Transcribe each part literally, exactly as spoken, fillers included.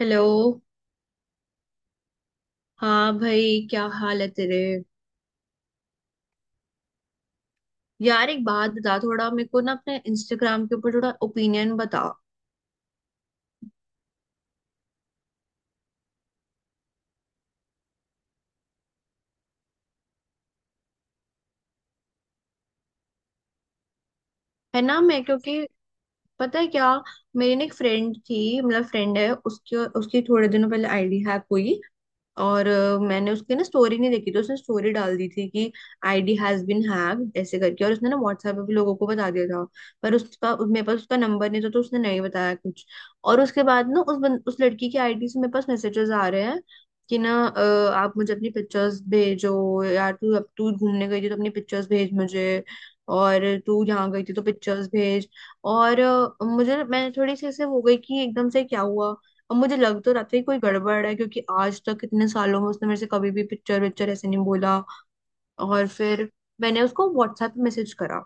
Hello. हाँ भाई, क्या हाल है तेरे? यार एक बात बता, थोड़ा मेरे को ना अपने इंस्टाग्राम के ऊपर थोड़ा ओपिनियन बता। है ना। मैं क्योंकि पता है क्या, मेरी ना एक फ्रेंड थी, मतलब फ्रेंड है, उसके उसकी थोड़े दिनों पहले आईडी हैक हुई। और अ, मैंने उसकी ना स्टोरी नहीं देखी, तो उसने स्टोरी डाल दी थी कि आईडी हैज बीन हैक्ड, ऐसे करके। और उसने ना व्हाट्सएप पे भी लोगों को बता दिया था, पर उसका मेरे पास उसका नंबर नहीं था, तो उसने नहीं बताया कुछ। और उसके बाद ना उस बन, उस लड़की की आईडी से मेरे पास मैसेजेस आ रहे हैं कि ना अ, आप मुझे अपनी पिक्चर्स भेजो, यार तू अब तू घूमने गई थी तो अपनी पिक्चर्स भेज मुझे, और तू यहाँ गई थी तो पिक्चर्स भेज। और अ, मुझे मैंने थोड़ी सी ऐसे हो गई कि एकदम से क्या हुआ। और मुझे लग तो रहा था कि कोई गड़बड़ है, क्योंकि आज तक इतने सालों में उसने मेरे से कभी भी पिक्चर विक्चर ऐसे नहीं बोला। और फिर मैंने उसको व्हाट्सएप पे मैसेज करा,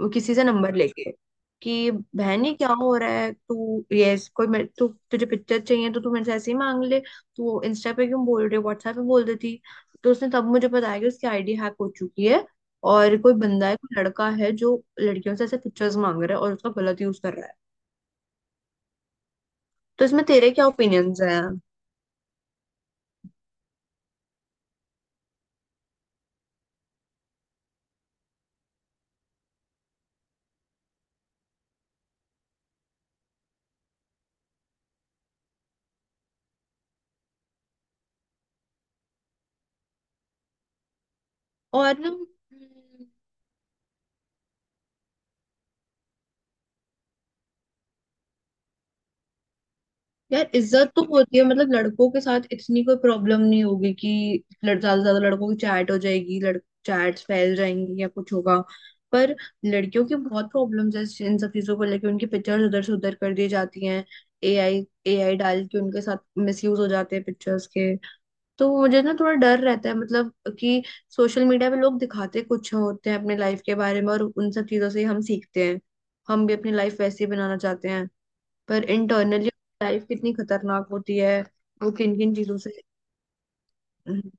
वो किसी से नंबर अच्छा लेके, कि बहन ये क्या हो रहा है, तू यस कोई मेरे तू तुझे पिक्चर चाहिए तो तू मेरे से ऐसे ही मांग ले, तू इंस्टा पे क्यों बोल रही है, व्हाट्सएप पे बोल देती। तो उसने तब मुझे बताया कि उसकी आईडी हैक हो चुकी है, और कोई बंदा है, कोई लड़का है, जो लड़कियों से ऐसे पिक्चर्स मांग रहा है और उसका गलत यूज कर रहा है। तो इसमें तेरे क्या ओपिनियंस हैं? और ना, यार इज्जत तो होती है, मतलब लड़कों के साथ इतनी कोई प्रॉब्लम नहीं होगी कि लड़- ज्यादा से ज्यादा लड़कों की चैट हो जाएगी, लड़ चैट्स फैल जाएंगी या कुछ होगा। पर लड़कियों की बहुत प्रॉब्लम्स है, इस- इन सब चीजों को लेके उनकी पिक्चर्स उधर से उधर कर दी जाती हैं, ए आई ए आई डाल के उनके साथ मिसयूज हो जाते हैं पिक्चर्स के। तो मुझे ना थोड़ा डर रहता है, मतलब कि सोशल मीडिया पे लोग दिखाते कुछ होते हैं अपने लाइफ के बारे में, और उन सब चीजों से ही हम सीखते हैं, हम भी अपनी लाइफ वैसी बनाना चाहते हैं। पर इंटरनली लाइफ कितनी खतरनाक होती है, वो किन किन चीजों से। हम्म,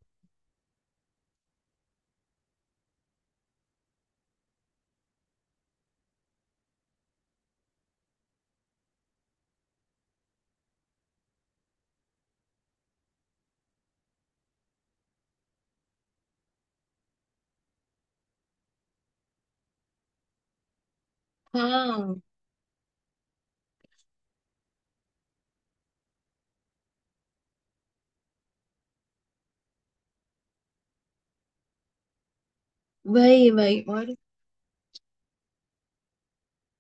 हाँ वही वही। और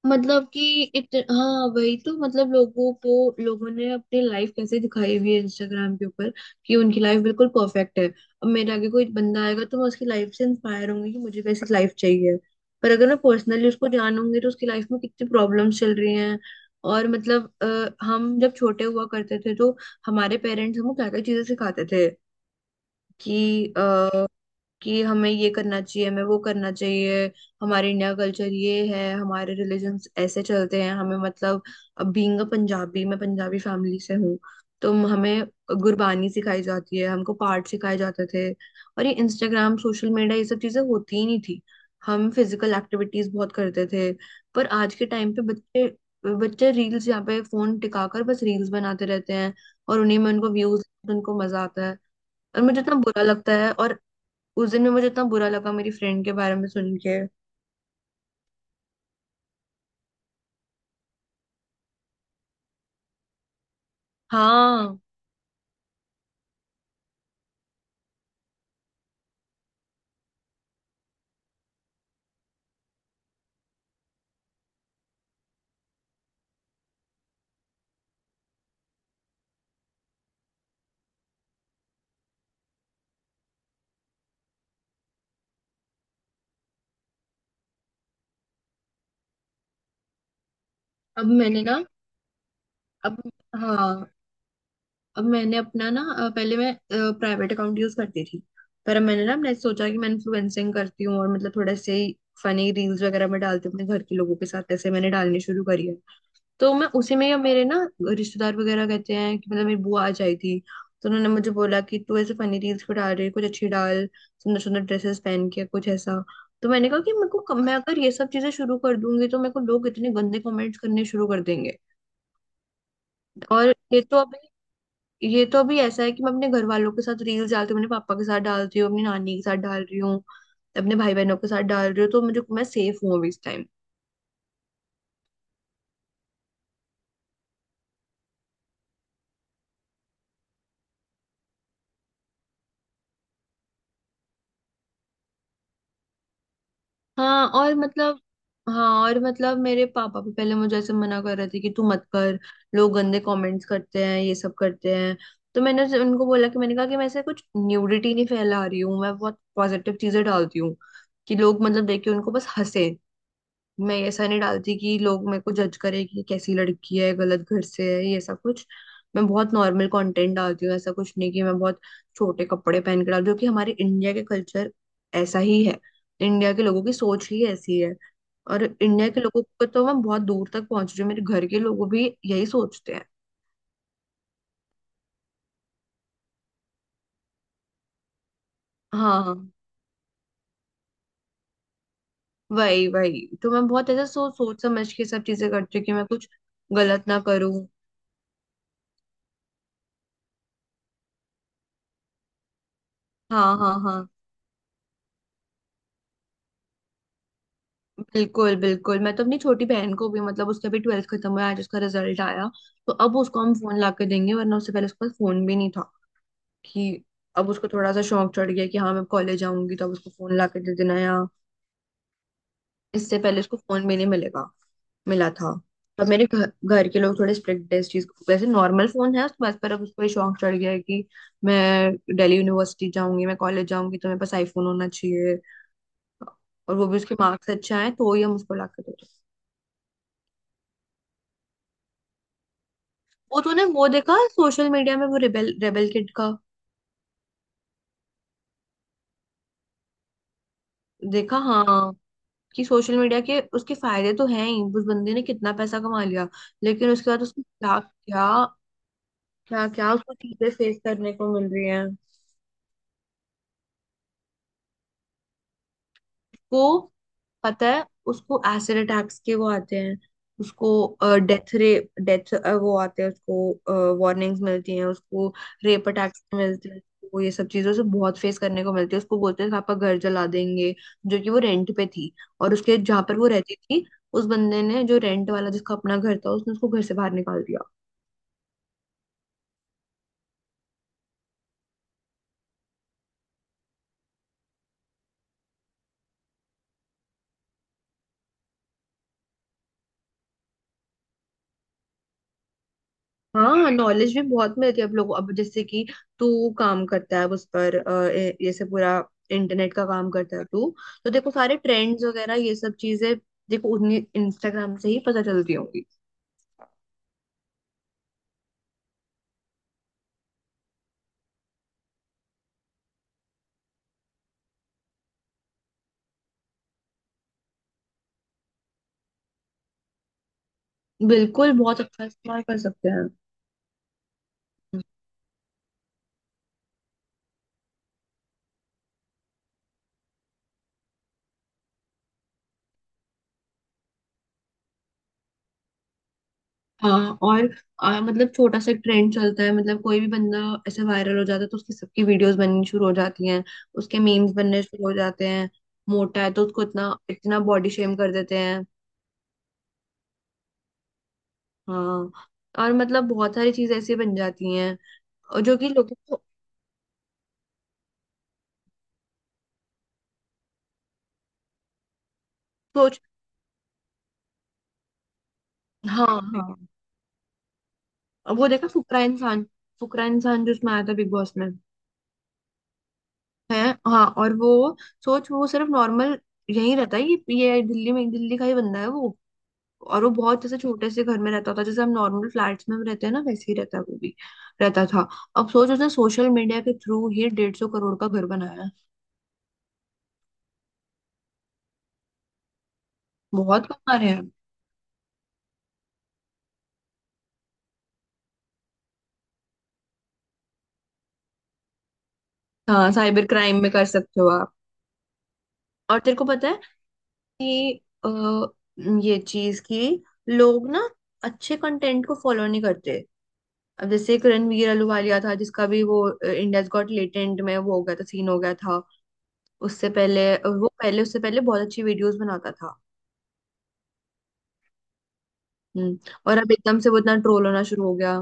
मतलब कि इत, हाँ वही तो, मतलब लोगों को, लोगों ने अपनी लाइफ कैसे दिखाई हुई है इंस्टाग्राम के ऊपर, कि उनकी लाइफ बिल्कुल परफेक्ट है। अब मेरे आगे कोई बंदा आएगा तो मैं उसकी लाइफ से इंस्पायर होंगी कि मुझे कैसी लाइफ चाहिए। पर अगर मैं पर्सनली उसको जानूंगी तो उसकी लाइफ में कितनी प्रॉब्लम्स चल रही हैं। और मतलब अ, हम जब छोटे हुआ करते थे तो हमारे पेरेंट्स हमको क्या क्या चीजें सिखाते थे कि अ, कि हमें ये करना चाहिए, हमें वो करना चाहिए, हमारे इंडिया कल्चर ये है, हमारे रिलीजन ऐसे चलते हैं, हमें मतलब बीइंग अ पंजाबी, मैं पंजाबी फैमिली से हूँ, तो हमें गुरबानी सिखाई जाती है, हमको पाठ सिखाए जाते थे। और ये इंस्टाग्राम, सोशल मीडिया, ये सब चीजें होती ही नहीं थी। हम फिजिकल एक्टिविटीज बहुत करते थे। पर आज के टाइम पे बच्चे, बच्चे रील्स यहाँ पे फोन टिकाकर बस रील्स बनाते रहते हैं, और उन्हीं में उनको व्यूज, उनको मजा आता है। और मुझे इतना बुरा लगता है, और उस दिन में मुझे इतना बुरा लगा मेरी फ्रेंड के बारे में सुन के। हाँ। अब मैंने ना, अब, हाँ, अब मैंने अपना ना अ, पहले मैं प्राइवेट अकाउंट यूज करती थी। पर अब मैंने ना मैंने सोचा कि मैं इन्फ्लुएंसिंग करती हूँ, और मतलब थोड़ा से ही फनी रील्स वगैरह मैं डालती हूँ अपने घर के लोगों के साथ, ऐसे मैंने डालनी शुरू करी है। तो मैं उसी में, या मेरे ना रिश्तेदार वगैरह कहते हैं कि, मतलब मेरी बुआ आ जाई थी तो उन्होंने मुझे बोला कि तू ऐसे फनी रील्स क्यों डाल रही है, कुछ अच्छी डाल, सुंदर सुंदर ड्रेसेस पहन के कुछ ऐसा। तो मैंने कहा कि मेरे को, मैं अगर ये सब चीजें शुरू कर दूंगी तो मेरे को लोग इतने गंदे कमेंट्स करने शुरू कर देंगे। और ये तो अभी ये तो अभी ऐसा है कि मैं अपने घर वालों के साथ रील्स डालती हूँ, अपने पापा के साथ डालती हूँ, अपनी नानी के साथ डाल रही हूँ, अपने भाई बहनों के साथ डाल रही हूँ, तो मुझे, मैं सेफ हूँ अभी इस। हाँ और मतलब हाँ और मतलब मेरे पापा भी पहले मुझे ऐसे मना कर रहे थे कि तू मत कर, लोग गंदे कमेंट्स करते हैं, ये सब करते हैं। तो मैंने उसे- उनको बोला कि, मैंने कहा कि मैं ऐसे कुछ न्यूडिटी नहीं फैला रही हूँ, मैं बहुत पॉजिटिव चीजें डालती हूँ कि लोग मतलब देख के उनको बस हंसे। मैं ऐसा नहीं डालती कि लोग मेरे को जज करें कि कैसी लड़की है, गलत घर से है, ये ऐसा कुछ। मैं बहुत नॉर्मल कंटेंट डालती हूँ, ऐसा कुछ नहीं कि मैं बहुत छोटे कपड़े पहन के डाल, जो कि हमारे इंडिया के कल्चर ऐसा ही है, इंडिया के लोगों की सोच ही ऐसी है। और इंडिया के लोगों को तो मैं बहुत दूर तक पहुंच रही हूँ, मेरे घर के लोगों भी यही सोचते हैं। हाँ हाँ, वही वही तो मैं बहुत ऐसा सोच सोच समझ के सब चीजें करती हूँ कि मैं कुछ गलत ना करूँ। हाँ हाँ हाँ, बिल्कुल बिल्कुल। मैं तो अपनी छोटी बहन को भी, मतलब उसका भी ट्वेल्थ खत्म हुआ, आज उसका रिजल्ट आया, तो अब उसको हम फोन ला के देंगे, वरना उससे पहले उसके पास फोन भी नहीं था। कि अब उसको थोड़ा सा शौक चढ़ गया कि हाँ मैं कॉलेज आऊंगी, तो अब उसको फोन ला के दे देना या। इससे पहले उसको फोन भी नहीं मिलेगा, मिला था। तो मेरे घर घर के लोग थोड़े स्ट्रिक्ट है इस चीज को। वैसे नॉर्मल फोन है उसके पास, पर अब उसको ये शौक चढ़ गया है कि मैं दिल्ली यूनिवर्सिटी जाऊंगी, मैं कॉलेज जाऊंगी, तो मेरे पास आईफोन होना चाहिए। और वो भी उसके मार्क्स अच्छे आए तो ही हम उसको ला के देंगे। वो तूने वो देखा सोशल मीडिया में वो रेबेल रेबेल किड का? देखा, हाँ। कि सोशल मीडिया के उसके फायदे तो हैं ही, उस बंदे ने कितना पैसा कमा लिया। लेकिन उसके बाद उसको क्या क्या, क्या क्या उसको चीजें फेस करने को मिल रही हैं उसको, पता है उसको एसिड अटैक्स के वो आते हैं, उसको डेथ रे डेथ, वो आते हैं उसको, वार्निंग्स मिलती हैं उसको, रेप अटैक्स मिलते हैं उसको, ये सब चीजों से बहुत फेस करने को मिलती है। उसको बोलते हैं पापा घर जला देंगे, जो कि वो रेंट पे थी, और उसके जहाँ पर वो रहती थी, उस बंदे ने जो रेंट वाला, जिसका अपना घर था, उसने उसको घर से बाहर निकाल दिया। हाँ, नॉलेज भी बहुत मिलती है, अब लोगों, अब जैसे कि तू काम करता है उस पर, अ, ए- ये सब पूरा इंटरनेट का काम करता है तू। तो देखो सारे ट्रेंड्स वगैरह ये सब चीजें, देखो उन्हीं इंस्टाग्राम से ही पता चलती होंगी। बिल्कुल, बहुत अच्छा इस्तेमाल कर सकते हैं। हाँ, और आ, मतलब छोटा सा ट्रेंड चलता है, मतलब कोई भी बंदा ऐसे वायरल हो जाता है, तो उसकी सबकी वीडियोस बननी शुरू हो जाती हैं, उसके मीम्स बनने शुरू हो जाते हैं, मोटा है तो उसको इतना इतना बॉडी शेम कर देते हैं। हाँ, और मतलब बहुत सारी चीजें ऐसी बन जाती हैं, और जो कि लोग को। सोच। हाँ हाँ। अब वो देखा फुकरा इंसान, फुकरा इंसान जो उसमें आया था बिग बॉस में। है। हाँ। और वो, सोच, वो सिर्फ नॉर्मल यहीं रहता है, ये ये दिल्ली में, दिल्ली का ही बंदा है वो। और वो बहुत जैसे छोटे से घर में रहता होता है, जैसे हम नॉर्मल फ्लैट्स में रहते हैं ना, वैसे ही रहता है वो भी, रहता था। अब सोच, उसने सोशल मीडिया के थ्रू ही डेढ़ सौ करोड़ का घर बनाया है। बहुत कमा रहे हैं। हाँ साइबर क्राइम में कर सकते हो आप। और तेरे को पता है कि, अ, ये चीज कि लोग ना अच्छे कंटेंट को फॉलो नहीं करते। अब जैसे एक रणवीर अहलूवालिया था, जिसका भी वो इंडियाज गॉट लेटेंट में वो हो गया था, सीन हो गया था। उससे पहले अ, वो पहले उससे पहले बहुत अच्छी वीडियोस बनाता था। हम्म, और अब एकदम से वो इतना ट्रोल होना शुरू हो गया।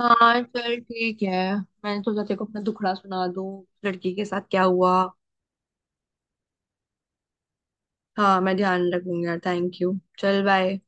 हाँ चल ठीक है। मैंने सोचा तेरे को अपना दुखड़ा सुना दूं, उस लड़की के साथ क्या हुआ। हाँ मैं ध्यान रखूंगी यार, थैंक यू, चल बाय।